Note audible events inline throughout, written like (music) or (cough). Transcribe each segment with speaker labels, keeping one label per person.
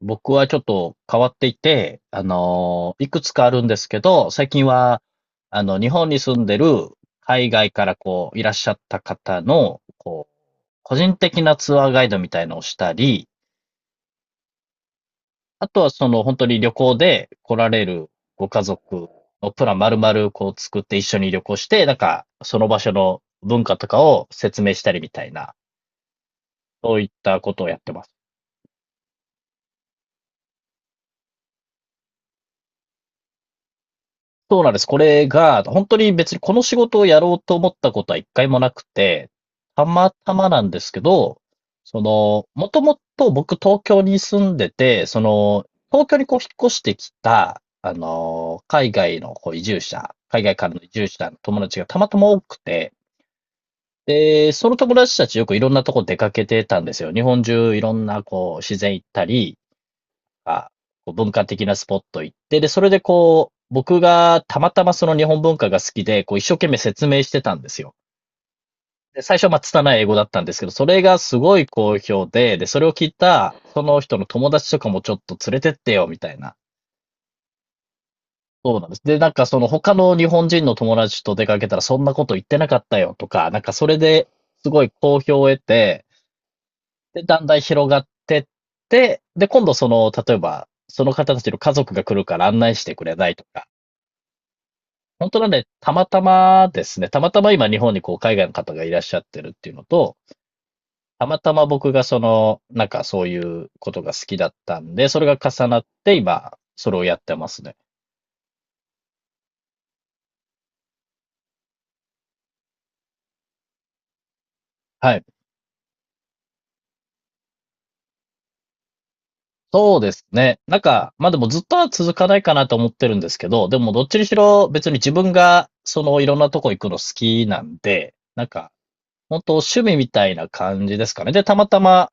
Speaker 1: 僕はちょっと変わっていて、いくつかあるんですけど、最近は、日本に住んでる海外からこう、いらっしゃった方の、こう、個人的なツアーガイドみたいのをしたり、あとはその本当に旅行で来られるご家族のプラン丸々こう作って一緒に旅行して、なんか、その場所の文化とかを説明したりみたいな、そういったことをやってます。そうなんです。これが、本当に別にこの仕事をやろうと思ったことは一回もなくて、たまたまなんですけど、その、もともと僕東京に住んでて、その、東京にこう引っ越してきた、海外のこう移住者、海外からの移住者の友達がたまたま多くて、で、その友達たちよくいろんなとこ出かけてたんですよ。日本中いろんなこう自然行ったり、か、こう文化的なスポット行って、で、それでこう、僕がたまたまその日本文化が好きで、こう一生懸命説明してたんですよ。で、最初はまあ拙い英語だったんですけど、それがすごい好評で、で、それを聞いた、その人の友達とかもちょっと連れてってよ、みたいな。そうなんです。で、なんかその他の日本人の友達と出かけたらそんなこと言ってなかったよとか、なんかそれですごい好評を得て、で、だんだん広がってって、で、今度その、例えば、その方たちの家族が来るから案内してくれないとか、本当はね、たまたまですね、たまたま今日本にこう海外の方がいらっしゃってるっていうのと、たまたま僕がその、なんかそういうことが好きだったんで、それが重なって今、それをやってますね。はい。そうですね。なんか、まあでもずっとは続かないかなと思ってるんですけど、でもどっちにしろ別に自分がそのいろんなとこ行くの好きなんで、なんか、本当趣味みたいな感じですかね。で、たまたま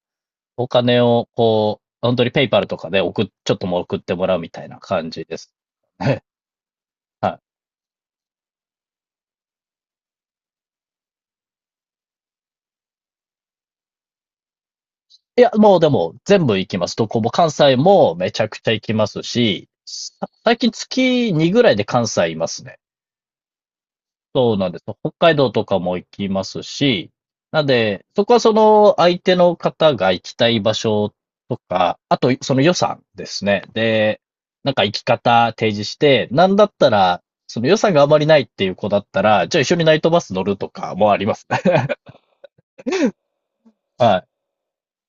Speaker 1: お金をこう、本当にペイパルとかで送っ、ちょっともう送ってもらうみたいな感じです。ね。 (laughs) はい。いや、もうでも全部行きます。どこも関西もめちゃくちゃ行きますし、最近月2ぐらいで関西いますね。そうなんです。北海道とかも行きますし、なんで、そこはその相手の方が行きたい場所とか、あとその予算ですね。で、なんか行き方提示して、なんだったら、その予算があまりないっていう子だったら、じゃあ一緒にナイトバス乗るとかもあります。(laughs) はい。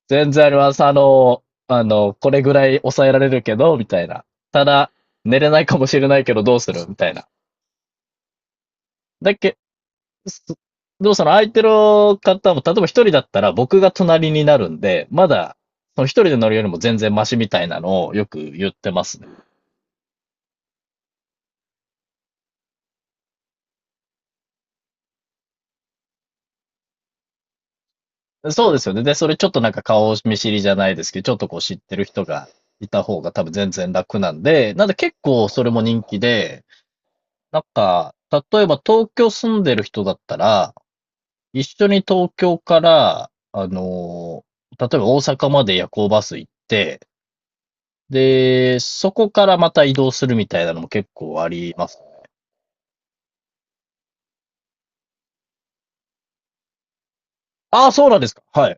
Speaker 1: 全然あります。これぐらい抑えられるけど、みたいな。ただ、寝れないかもしれないけどどうするみたいな。だけ、でもその相手の方も、例えば一人だったら僕が隣になるんで、まだ、一人で乗るよりも全然マシみたいなのをよく言ってますね。そうですよね。で、それちょっとなんか顔見知りじゃないですけど、ちょっとこう知ってる人がいた方が多分全然楽なんで、なんで結構それも人気で、なんか、例えば東京住んでる人だったら、一緒に東京から、例えば大阪まで夜行バス行って、で、そこからまた移動するみたいなのも結構あります。ああ、そうなんですか。はい。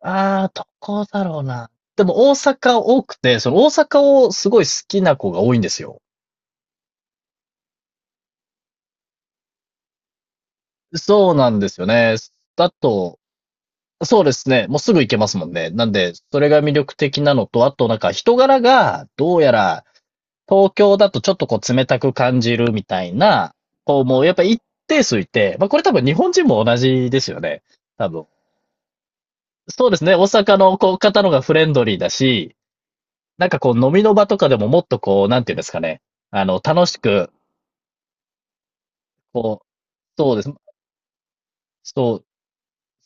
Speaker 1: ああ、どこだろうな。でも大阪多くて、その大阪をすごい好きな子が多いんですよ。そうなんですよね。だと、そうですね。もうすぐ行けますもんね。なんで、それが魅力的なのと、あとなんか人柄が、どうやら、東京だとちょっとこう冷たく感じるみたいな、こうもうやっぱ一定数いて、まあこれ多分日本人も同じですよね。多分。そうですね。大阪のこう方のがフレンドリーだし、なんかこう飲みの場とかでももっとこう、なんていうんですかね。楽しく、こう、そうです。そう、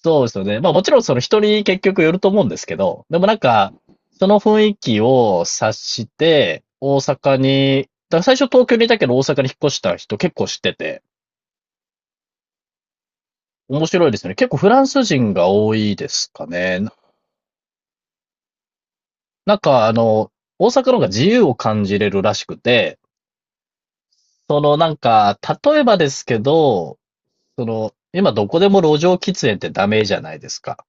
Speaker 1: そうですよね。まあもちろんその人に結局よると思うんですけど、でもなんか、その雰囲気を察して、大阪に、だから最初東京にいたけど大阪に引っ越した人結構知ってて、面白いですよね。結構フランス人が多いですかね。なんか大阪の方が自由を感じれるらしくて、そのなんか、例えばですけど、その、今どこでも路上喫煙ってダメじゃないですか。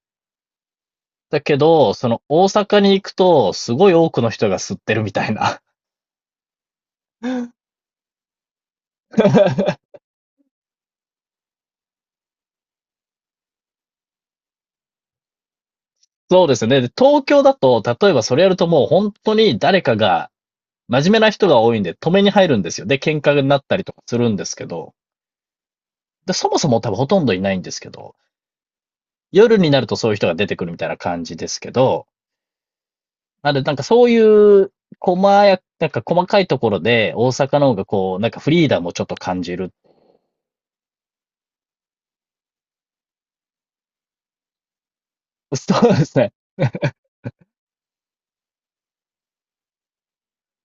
Speaker 1: だけど、その大阪に行くと、すごい多くの人が吸ってるみたいな。(laughs) そうですね。で東京だと、例えばそれやるともう本当に誰かが、真面目な人が多いんで止めに入るんですよ。で、喧嘩になったりとかするんですけど。で、そもそも多分ほとんどいないんですけど、夜になるとそういう人が出てくるみたいな感じですけど、なんで、なんかそういう、なんか細かいところで、大阪の方がこう、なんかフリーダムをちょっと感じる。(laughs) そうですね。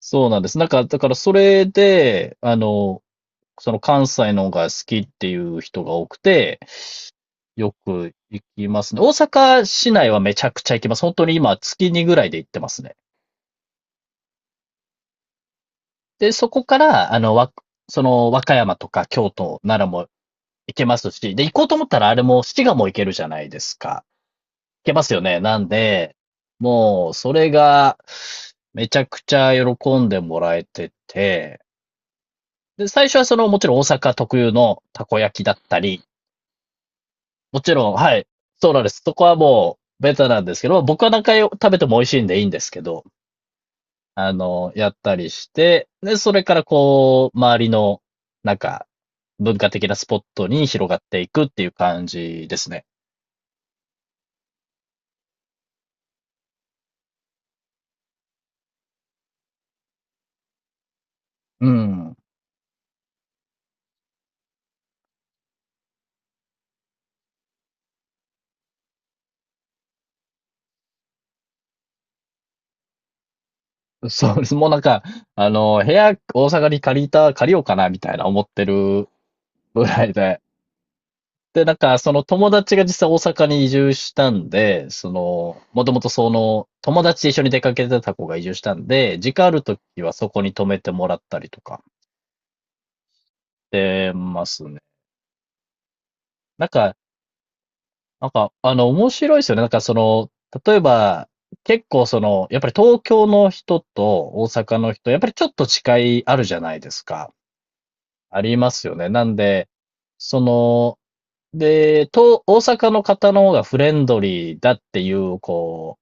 Speaker 1: そうなんです。なんか、だからそれで、その関西の方が好きっていう人が多くて、よく行きますね。大阪市内はめちゃくちゃ行きます。本当に今月2ぐらいで行ってますね。で、そこから、その和歌山とか京都、奈良も行けますし、で、行こうと思ったらあれも滋賀も行けるじゃないですか。けますよね。なんで、もう、それが、めちゃくちゃ喜んでもらえてて、で、最初はその、もちろん大阪特有のたこ焼きだったり、もちろん、はい、そうなんです。そこはもう、ベタなんですけど、僕は何回食べても美味しいんでいいんですけど、やったりして、で、それからこう、周りの、なんか、文化的なスポットに広がっていくっていう感じですね。うん。そうです。もうなんか、部屋、大阪に借りた、借りようかな、みたいな思ってるぐらいで。で、なんか、その友達が実際大阪に移住したんで、その、もともとその、友達と一緒に出かけてた子が移住したんで、時間あるときはそこに泊めてもらったりとか、してますね。なんか、なんか、面白いですよね。なんか、その、例えば、結構その、やっぱり東京の人と大阪の人、やっぱりちょっと違いあるじゃないですか。ありますよね。なんで、その、大阪の方の方がフレンドリーだっていう、こ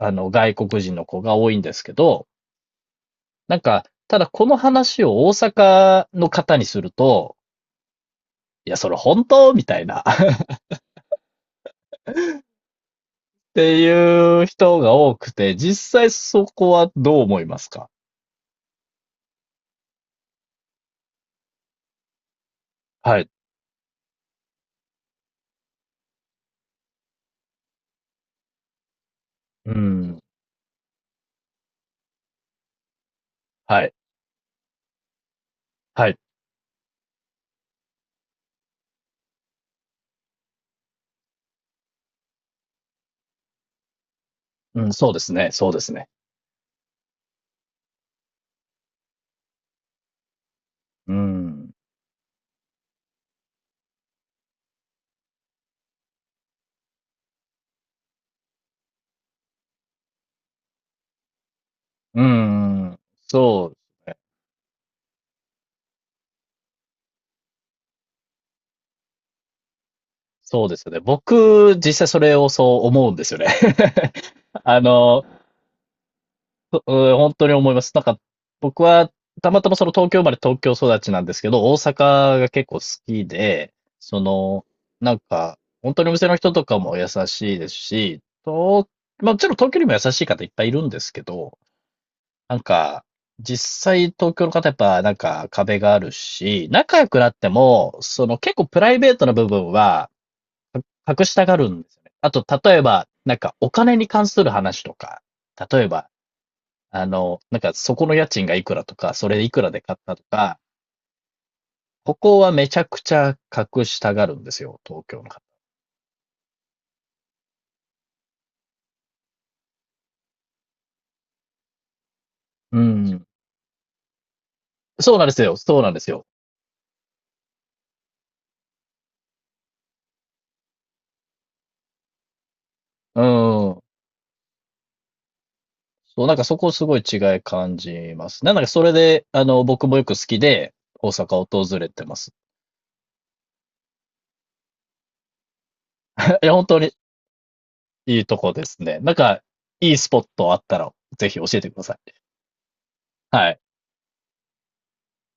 Speaker 1: う、外国人の子が多いんですけど、なんか、ただこの話を大阪の方にすると、いや、それ本当みたいな (laughs) っていう人が多くて、実際そこはどう思いますか？はい。うん。はい。はい。うん、そうですね。そうですね。うん。うん。そうそうですよね。僕、実際それをそう思うんですよね。(laughs) あの、う本当に思います。なんか、僕は、たまたまその東京生まれ東京育ちなんですけど、大阪が結構好きで、その、なんか、本当にお店の人とかも優しいですし、まあもちろん東京にも優しい方いっぱいいるんですけど、なんか、実際東京の方やっぱなんか壁があるし、仲良くなっても、その結構プライベートな部分は、隠したがるんですよね。あと、例えば、なんかお金に関する話とか、例えば、なんかそこの家賃がいくらとか、それいくらで買ったとか、ここはめちゃくちゃ隠したがるんですよ、東京の方。うん。そうなんですよ、そうなんですよ。うん。そう、なんかそこすごい違い感じますね。なんかそれで、僕もよく好きで、大阪を訪れてます。(laughs) いや、本当にいいとこですね。なんか、いいスポットあったら、ぜひ教えてください。はい。